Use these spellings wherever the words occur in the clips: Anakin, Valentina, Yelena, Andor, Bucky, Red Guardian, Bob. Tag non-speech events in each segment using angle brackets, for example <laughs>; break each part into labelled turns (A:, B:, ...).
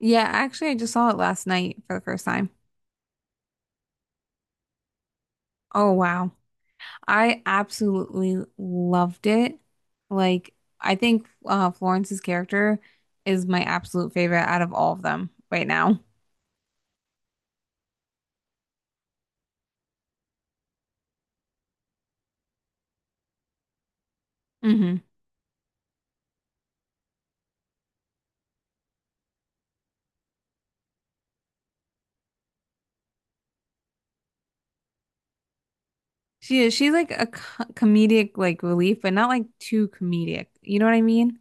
A: Yeah, actually, I just saw it last night for the first time. Oh, wow. I absolutely loved it. Like, I think Florence's character is my absolute favorite out of all of them right now. hmm She is, she's like a co comedic like relief, but not like too comedic. You know what I mean?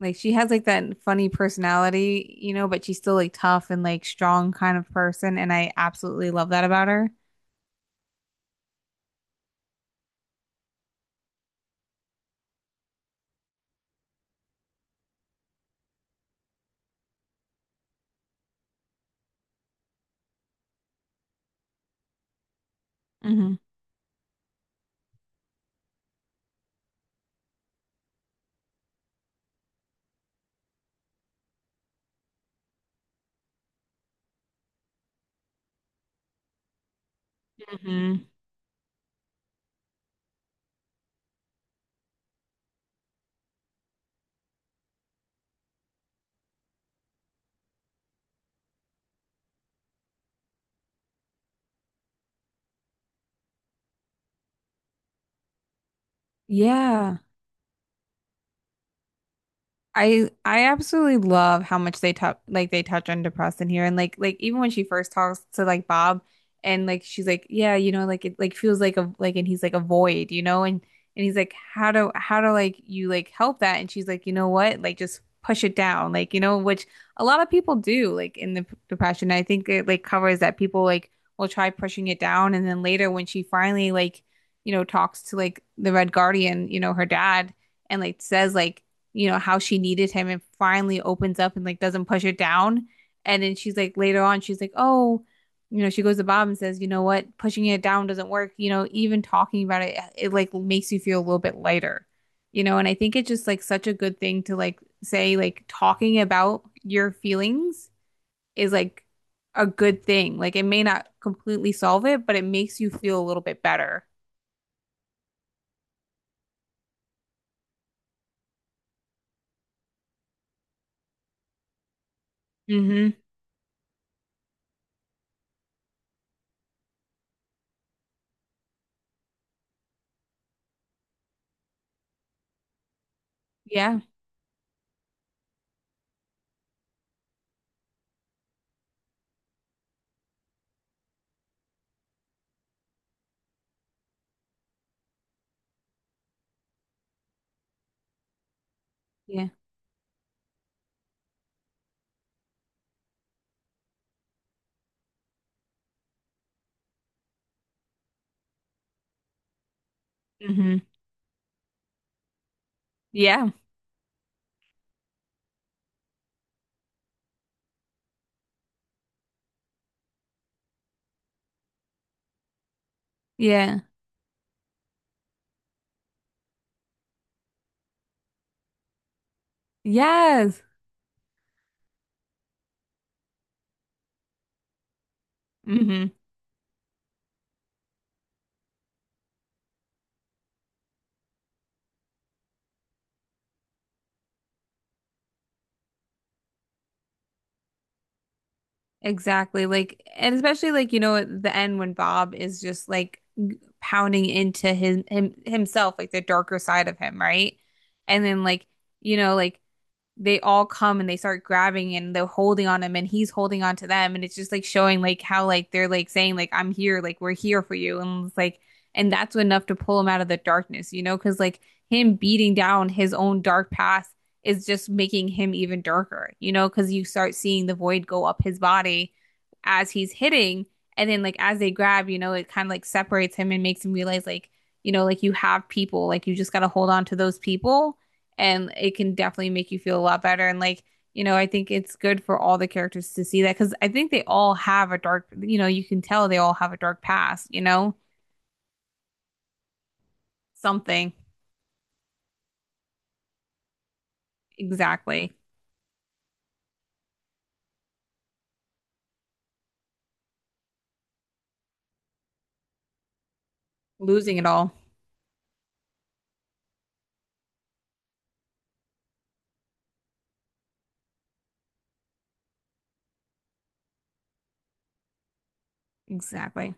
A: Like she has like that funny personality, you know, but she's still like tough and like strong kind of person, and I absolutely love that about her. hmm hmm Yeah. I absolutely love how much they touch on depression here and like even when she first talks to like Bob and like she's like yeah you know like it like feels like a like and he's like a void you know and he's like how do like you like help that and she's like you know what like just push it down like you know which a lot of people do like in the depression. I think it like covers that people like will try pushing it down and then later when she finally like you know talks to like the Red Guardian, you know, her dad and like says like you know, how she needed him and finally opens up and like doesn't push her down. And then she's like later on, she's like, oh, you know, she goes to Bob and says, you know what, pushing it down doesn't work. You know, even talking about it, it like makes you feel a little bit lighter, you know. And I think it's just like such a good thing to like say, like talking about your feelings is like a good thing. Like it may not completely solve it, but it makes you feel a little bit better. Mm-hmm. Yeah. Yeah. Mm-hmm. Yeah. Yeah. Yes. hmm Exactly. Like, and especially like, you know, at the end when Bob is just like pounding into his him himself, like the darker side of him, right? And then like, you know, like they all come and they start grabbing and they're holding on him and he's holding on to them and it's just like showing like how like they're like saying like I'm here like we're here for you and it's like and that's enough to pull him out of the darkness you know because like him beating down his own dark past is just making him even darker you know because you start seeing the void go up his body as he's hitting and then like as they grab you know it kind of like separates him and makes him realize like you know like you have people like you just got to hold on to those people and it can definitely make you feel a lot better. And like, you know, I think it's good for all the characters to see that because I think they all have a dark, you know, you can tell they all have a dark past, you know, something exactly losing it all exactly.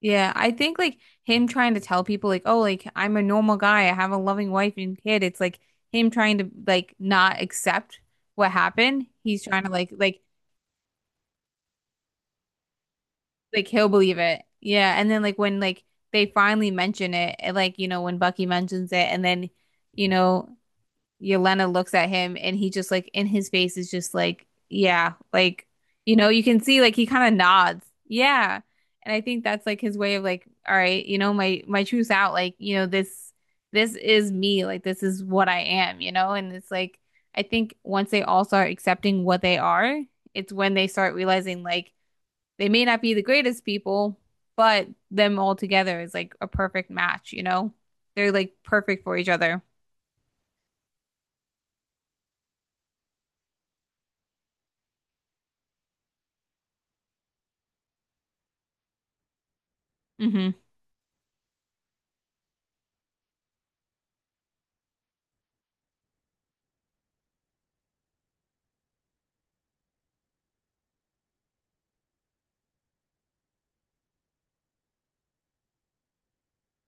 A: Yeah, I think like him trying to tell people like, oh, like I'm a normal guy, I have a loving wife and kid. It's like him trying to like not accept what happened. He's trying to like like he'll believe it. Yeah. And then like when like they finally mention it, and, like, you know, when Bucky mentions it and then, you know, Yelena looks at him and he just like in his face is just like, yeah, like, you know, you can see like he kind of nods. Yeah. And I think that's like his way of like, all right, you know, my truth's out. Like, you know, this is me. Like this is what I am, you know? And it's like I think once they all start accepting what they are, it's when they start realizing like they may not be the greatest people, but them all together is like a perfect match, you know? They're like perfect for each other. hmm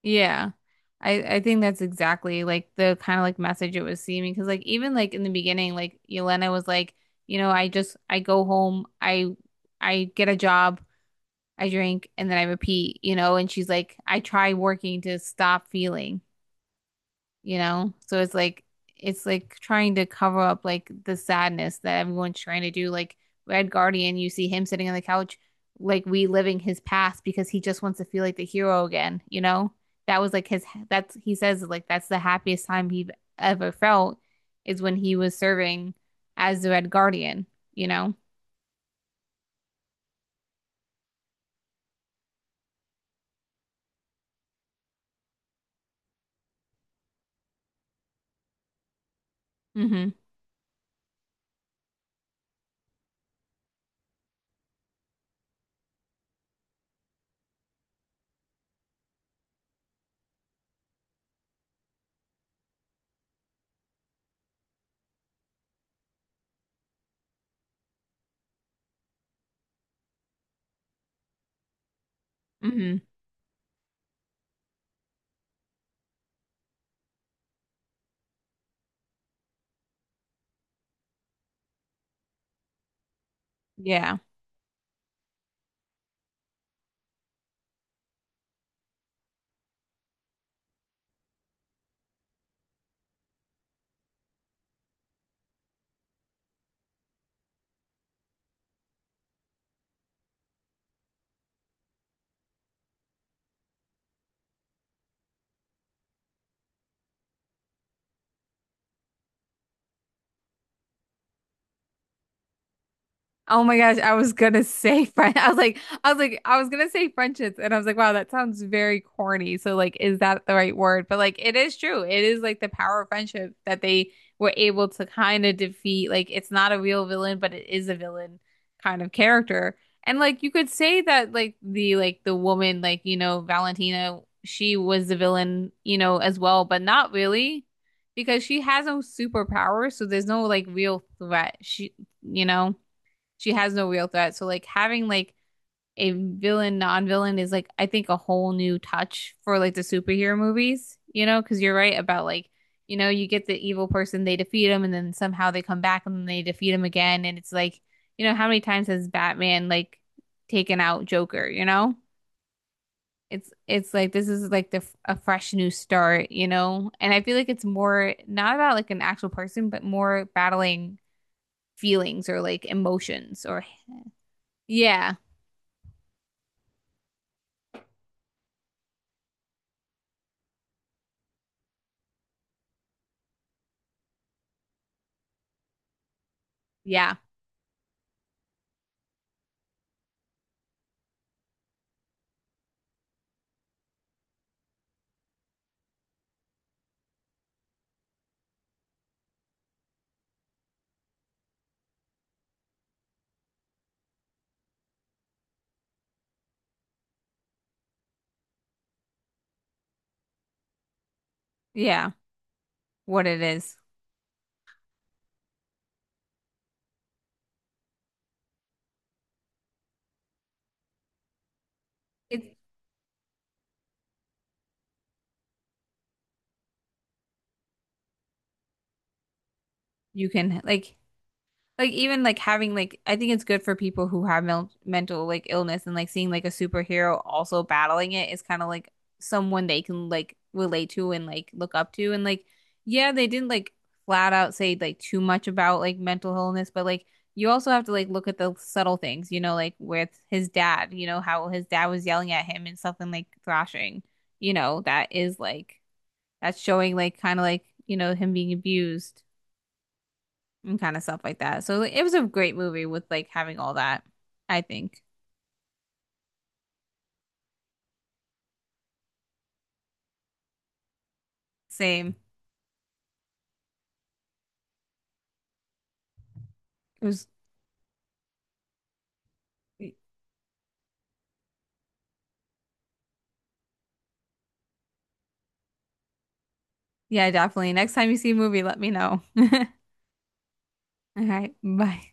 A: Yeah. I think that's exactly like the kind of like message it was seeming because like even like in the beginning like Yelena was like you know I just I go home I get a job I drink and then I repeat you know and she's like I try working to stop feeling you know? So it's like trying to cover up like the sadness that everyone's trying to do. Like Red Guardian, you see him sitting on the couch, like reliving his past because he just wants to feel like the hero again, you know? That was like his that's he says like that's the happiest time he ever felt is when he was serving as the Red Guardian, you know? Mm-hmm. Mm-hmm. Yeah. Oh my gosh, I was gonna say friend. <laughs> I was like, I was like, I was gonna say friendships, and I was like, wow, that sounds very corny. So like, is that the right word? But like, it is true. It is like the power of friendship that they were able to kind of defeat. Like, it's not a real villain, but it is a villain kind of character. And like, you could say that like the woman, like you know, Valentina, she was the villain, you know, as well, but not really. Because she has no superpower, so there's no like real threat. She, you know, she has no real threat. So like having like a villain non-villain is like I think a whole new touch for like the superhero movies, you know, cuz you're right about like you know, you get the evil person, they defeat him and then somehow they come back and then they defeat him again and it's like, you know, how many times has Batman like taken out Joker, you know? It's like this is like the a fresh new start, you know? And I feel like it's more not about like an actual person, but more battling feelings or like emotions or yeah, yeah. Yeah, what it is. It you can like even like having like I think it's good for people who have mel mental like illness and like seeing like a superhero also battling it is kind of like someone they can like relate to and like look up to and like yeah, they didn't like flat out say like too much about like mental illness, but like you also have to like look at the subtle things, you know, like with his dad, you know, how his dad was yelling at him and something like thrashing, you know, that is like that's showing like kind of like you know him being abused and kind of stuff like that. So like, it was a great movie with like having all that. I think same. It was yeah, definitely. Next time you see a movie, let me know. <laughs> All right, bye.